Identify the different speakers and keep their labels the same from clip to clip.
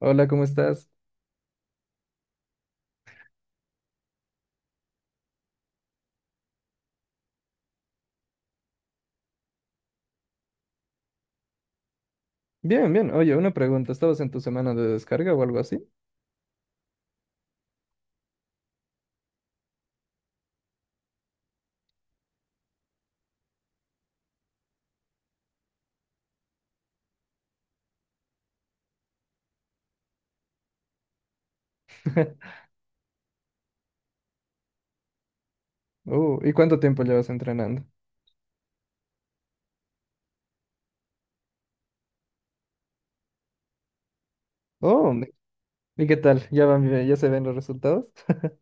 Speaker 1: Hola, ¿cómo estás? Bien, bien. Oye, una pregunta. ¿Estabas en tu semana de descarga o algo así? ¿Y cuánto tiempo llevas entrenando? Oh, ¿Y qué tal? ¿Ya van, bien? ¿Ya se ven los resultados?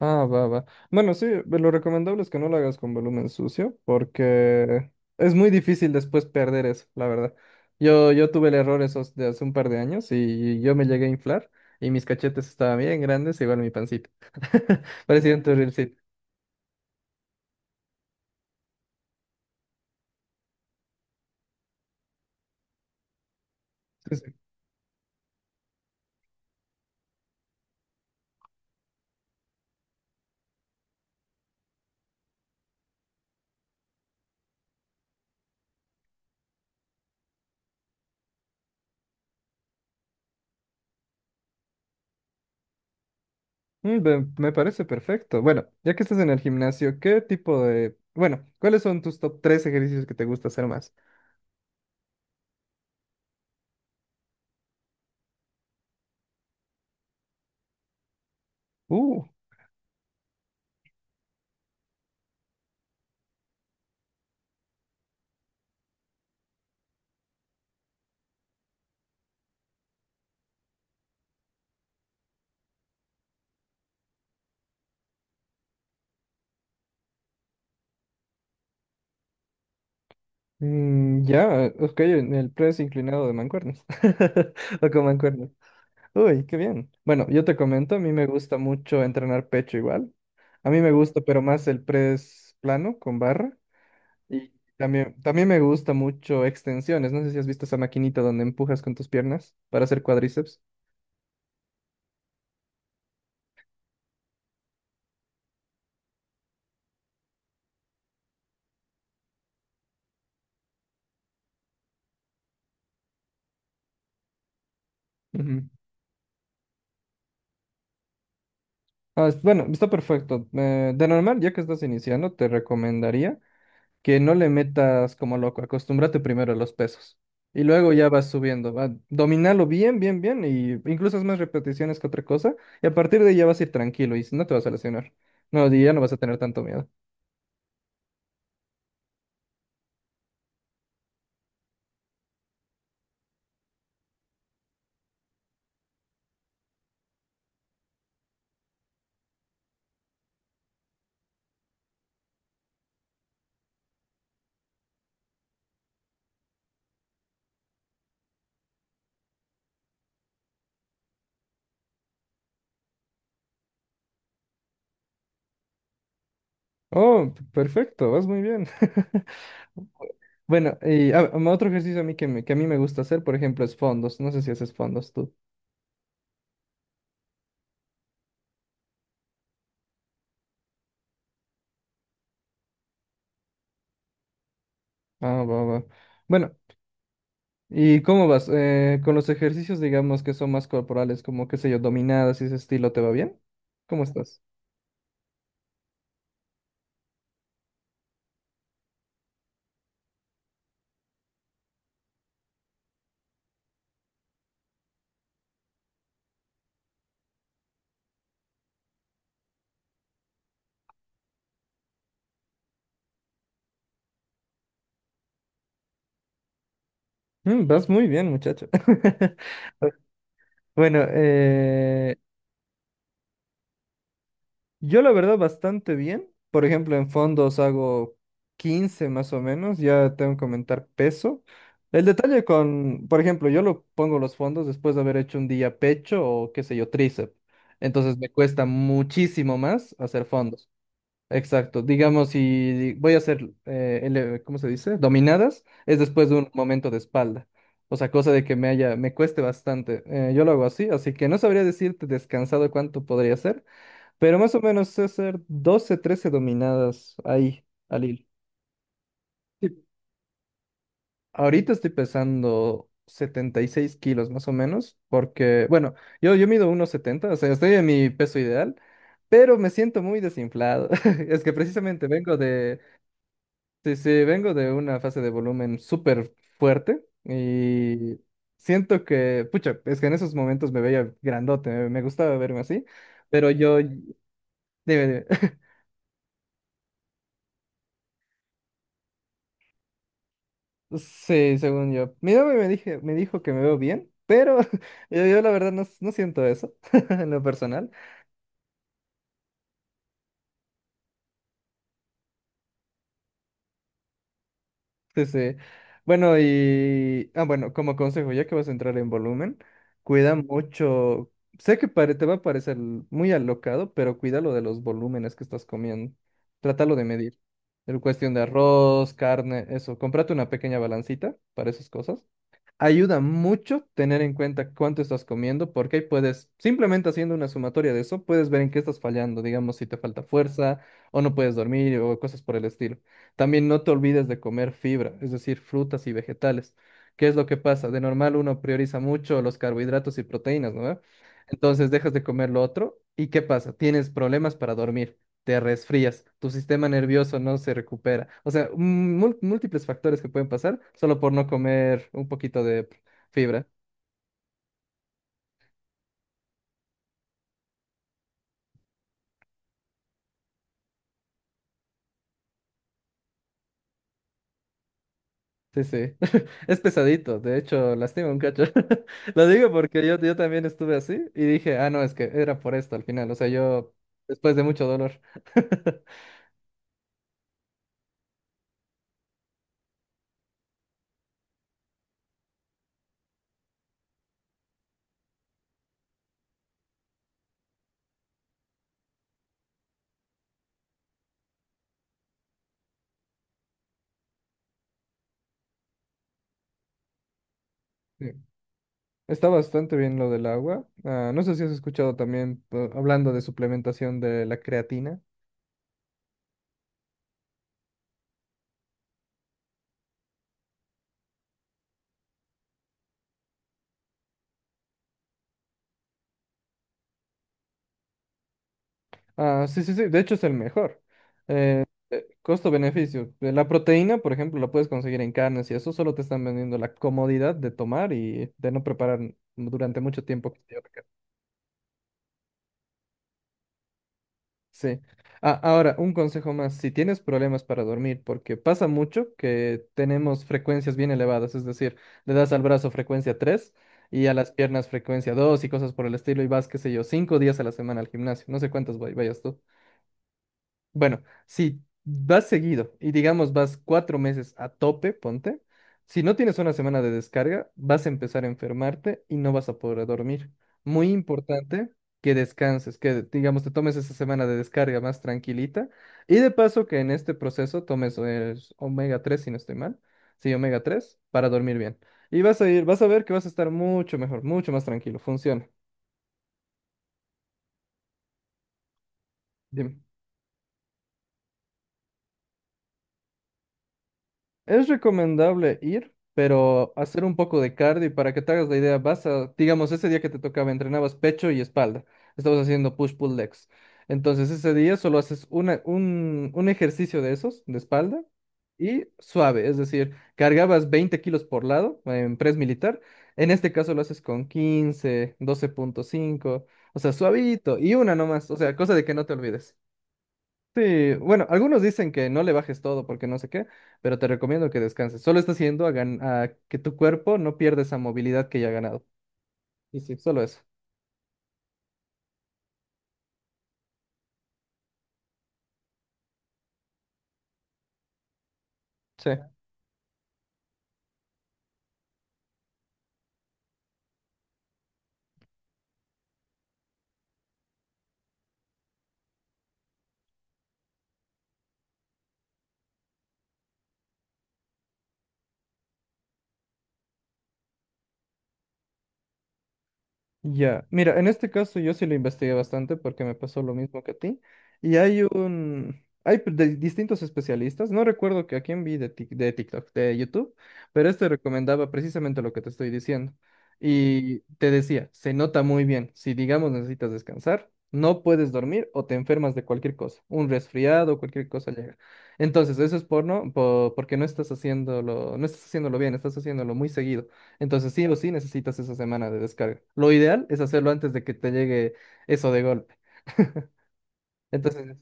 Speaker 1: Ah, va, va. Bueno, sí, lo recomendable es que no lo hagas con volumen sucio porque es muy difícil después perder eso, la verdad. Yo tuve el error esos de hace un par de años y yo me llegué a inflar y mis cachetes estaban bien grandes, igual mi pancita. Parecía un turrilcito. Me parece perfecto. Bueno, ya que estás en el gimnasio, ¿qué tipo de... Bueno, ¿cuáles son tus top 3 ejercicios que te gusta hacer más? Uh, ya, ok, en el press inclinado de mancuernas. O con mancuernas. Uy, qué bien. Bueno, yo te comento, a mí me gusta mucho entrenar pecho igual. A mí me gusta, pero más el press plano con barra. Y también me gusta mucho extensiones. No sé si has visto esa maquinita donde empujas con tus piernas para hacer cuádriceps. Ah, bueno, está perfecto. De normal, ya que estás iniciando, te recomendaría que no le metas como loco. Acostúmbrate primero a los pesos. Y luego ya vas subiendo. Va, dominalo bien, bien, bien. Y incluso es más repeticiones que otra cosa. Y a partir de ahí ya vas a ir tranquilo y no te vas a lesionar. No, y ya no vas a tener tanto miedo. Oh, perfecto, vas muy bien. Bueno, y otro ejercicio a mí que a mí me gusta hacer, por ejemplo, es fondos. No sé si haces fondos tú. Ah, va, va. Bueno, ¿y cómo vas? Con los ejercicios, digamos, que son más corporales, como, qué sé yo, dominadas y ese estilo, ¿te va bien? ¿Cómo estás? Vas muy bien, muchacho. Bueno, yo la verdad bastante bien. Por ejemplo, en fondos hago 15 más o menos, ya tengo que comentar peso. El detalle con, por ejemplo, yo lo pongo los fondos después de haber hecho un día pecho o qué sé yo, tríceps. Entonces me cuesta muchísimo más hacer fondos. Exacto, digamos, si voy a hacer, ¿cómo se dice? Dominadas, es después de un momento de espalda. O sea, cosa de que me haya, me cueste bastante. Yo lo hago así, así que no sabría decirte descansado cuánto podría ser, pero más o menos sé hacer 12, 13 dominadas ahí, al hilo. Sí. Ahorita estoy pesando 76 kilos más o menos, porque, bueno, yo mido 1,70, o sea, estoy en mi peso ideal, pero me siento muy desinflado. Es que precisamente vengo de. Sí, sí, vengo de una fase de volumen súper fuerte y siento que, pucha, es que en esos momentos me veía grandote, me gustaba verme así, pero dime, dime. Sí, según yo. Mi novia me dijo que me veo bien, pero yo la verdad no siento eso en lo personal. Sí, sí. Bueno, y... Ah, bueno, como consejo, ya que vas a entrar en volumen, cuida mucho... Sé que te va a parecer muy alocado, pero cuida lo de los volúmenes que estás comiendo. Trátalo de medir. En cuestión de arroz, carne, eso. Cómprate una pequeña balancita para esas cosas. Ayuda mucho tener en cuenta cuánto estás comiendo, porque ahí puedes, simplemente haciendo una sumatoria de eso, puedes ver en qué estás fallando, digamos, si te falta fuerza o no puedes dormir o cosas por el estilo. También no te olvides de comer fibra, es decir, frutas y vegetales. ¿Qué es lo que pasa? De normal uno prioriza mucho los carbohidratos y proteínas, ¿no? Entonces dejas de comer lo otro y ¿qué pasa? Tienes problemas para dormir, te resfrías, tu sistema nervioso no se recupera. O sea, múltiples factores que pueden pasar solo por no comer un poquito de fibra. Sí, sí. Es pesadito, de hecho, lastima un cacho. Lo digo porque yo también estuve así y dije, ah, no, es que era por esto al final. O sea, después de mucho dolor. Sí. Está bastante bien lo del agua. Ah, no sé si has escuchado también hablando de suplementación de la creatina. Ah, sí, sí, sí, de hecho es el mejor. Eh, costo-beneficio. La proteína, por ejemplo, la puedes conseguir en carnes y eso solo te están vendiendo la comodidad de tomar y de no preparar durante mucho tiempo. Que te ahorca. Sí. Ah, ahora, un consejo más, si tienes problemas para dormir, porque pasa mucho que tenemos frecuencias bien elevadas, es decir, le das al brazo frecuencia 3 y a las piernas frecuencia 2 y cosas por el estilo y vas, qué sé yo, 5 días a la semana al gimnasio, no sé cuántos vayas tú. Bueno, si vas seguido y digamos vas 4 meses a tope, ponte, si no tienes una semana de descarga, vas a empezar a enfermarte y no vas a poder dormir. Muy importante que descanses, que digamos te tomes esa semana de descarga más tranquilita y de paso que en este proceso tomes el omega 3, si no estoy mal, sí, omega 3 para dormir bien. Y vas a ir, vas a ver que vas a estar mucho mejor, mucho más tranquilo, funciona. Dime. Es recomendable ir, pero hacer un poco de cardio y para que te hagas la idea, vas a, digamos, ese día que te tocaba, entrenabas pecho y espalda. Estabas haciendo push-pull legs. Entonces ese día solo haces una, un ejercicio de esos, de espalda, y suave, es decir, cargabas 20 kilos por lado en press militar. En este caso lo haces con 15, 12,5, o sea, suavito, y una nomás, o sea, cosa de que no te olvides. Sí, bueno, algunos dicen que no le bajes todo porque no sé qué, pero te recomiendo que descanses. Solo está haciendo a que tu cuerpo no pierda esa movilidad que ya ha ganado. Y sí, solo eso. Sí. Ya, mira, en este caso yo sí lo investigué bastante porque me pasó lo mismo que a ti. Y hay distintos especialistas, no recuerdo que a quién vi de TikTok, de YouTube, pero este recomendaba precisamente lo que te estoy diciendo. Y te decía, se nota muy bien, si digamos necesitas descansar, no puedes dormir o te enfermas de cualquier cosa, un resfriado, cualquier cosa llega. Entonces, eso es porque no estás haciéndolo bien, estás haciéndolo muy seguido. Entonces sí o sí necesitas esa semana de descarga. Lo ideal es hacerlo antes de que te llegue eso de golpe. Entonces,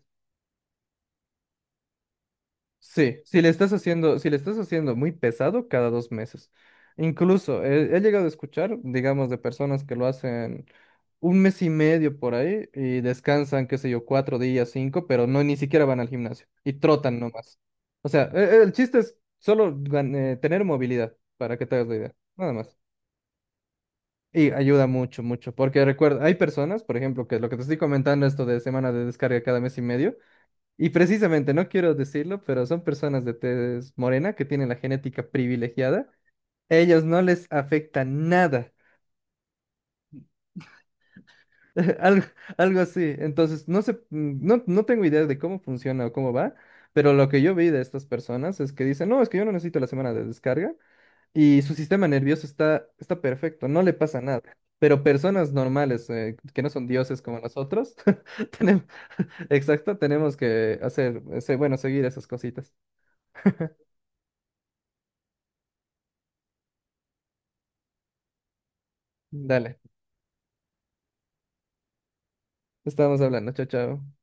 Speaker 1: sí, si le estás haciendo, si le estás haciendo muy pesado cada 2 meses. Incluso he llegado a escuchar, digamos, de personas que lo hacen un mes y medio por ahí y descansan, qué sé yo, 4 días, 5, pero no ni siquiera van al gimnasio y trotan nomás. O sea, chiste es solo tener movilidad para que te hagas la idea, nada más. Y ayuda mucho, mucho, porque recuerda, hay personas, por ejemplo, que lo que te estoy comentando, esto de semana de descarga cada mes y medio, y precisamente, no quiero decirlo, pero son personas de tez morena que tienen la genética privilegiada, ellos no les afecta nada, algo, algo así, entonces no sé, no tengo idea de cómo funciona o cómo va, pero lo que yo vi de estas personas es que dicen, no, es que yo no necesito la semana de descarga, y su sistema nervioso está perfecto, no le pasa nada. Pero personas normales, que no son dioses como nosotros, tenemos, exacto, tenemos que hacer, bueno, seguir esas cositas. Dale, estamos hablando, chao, chao.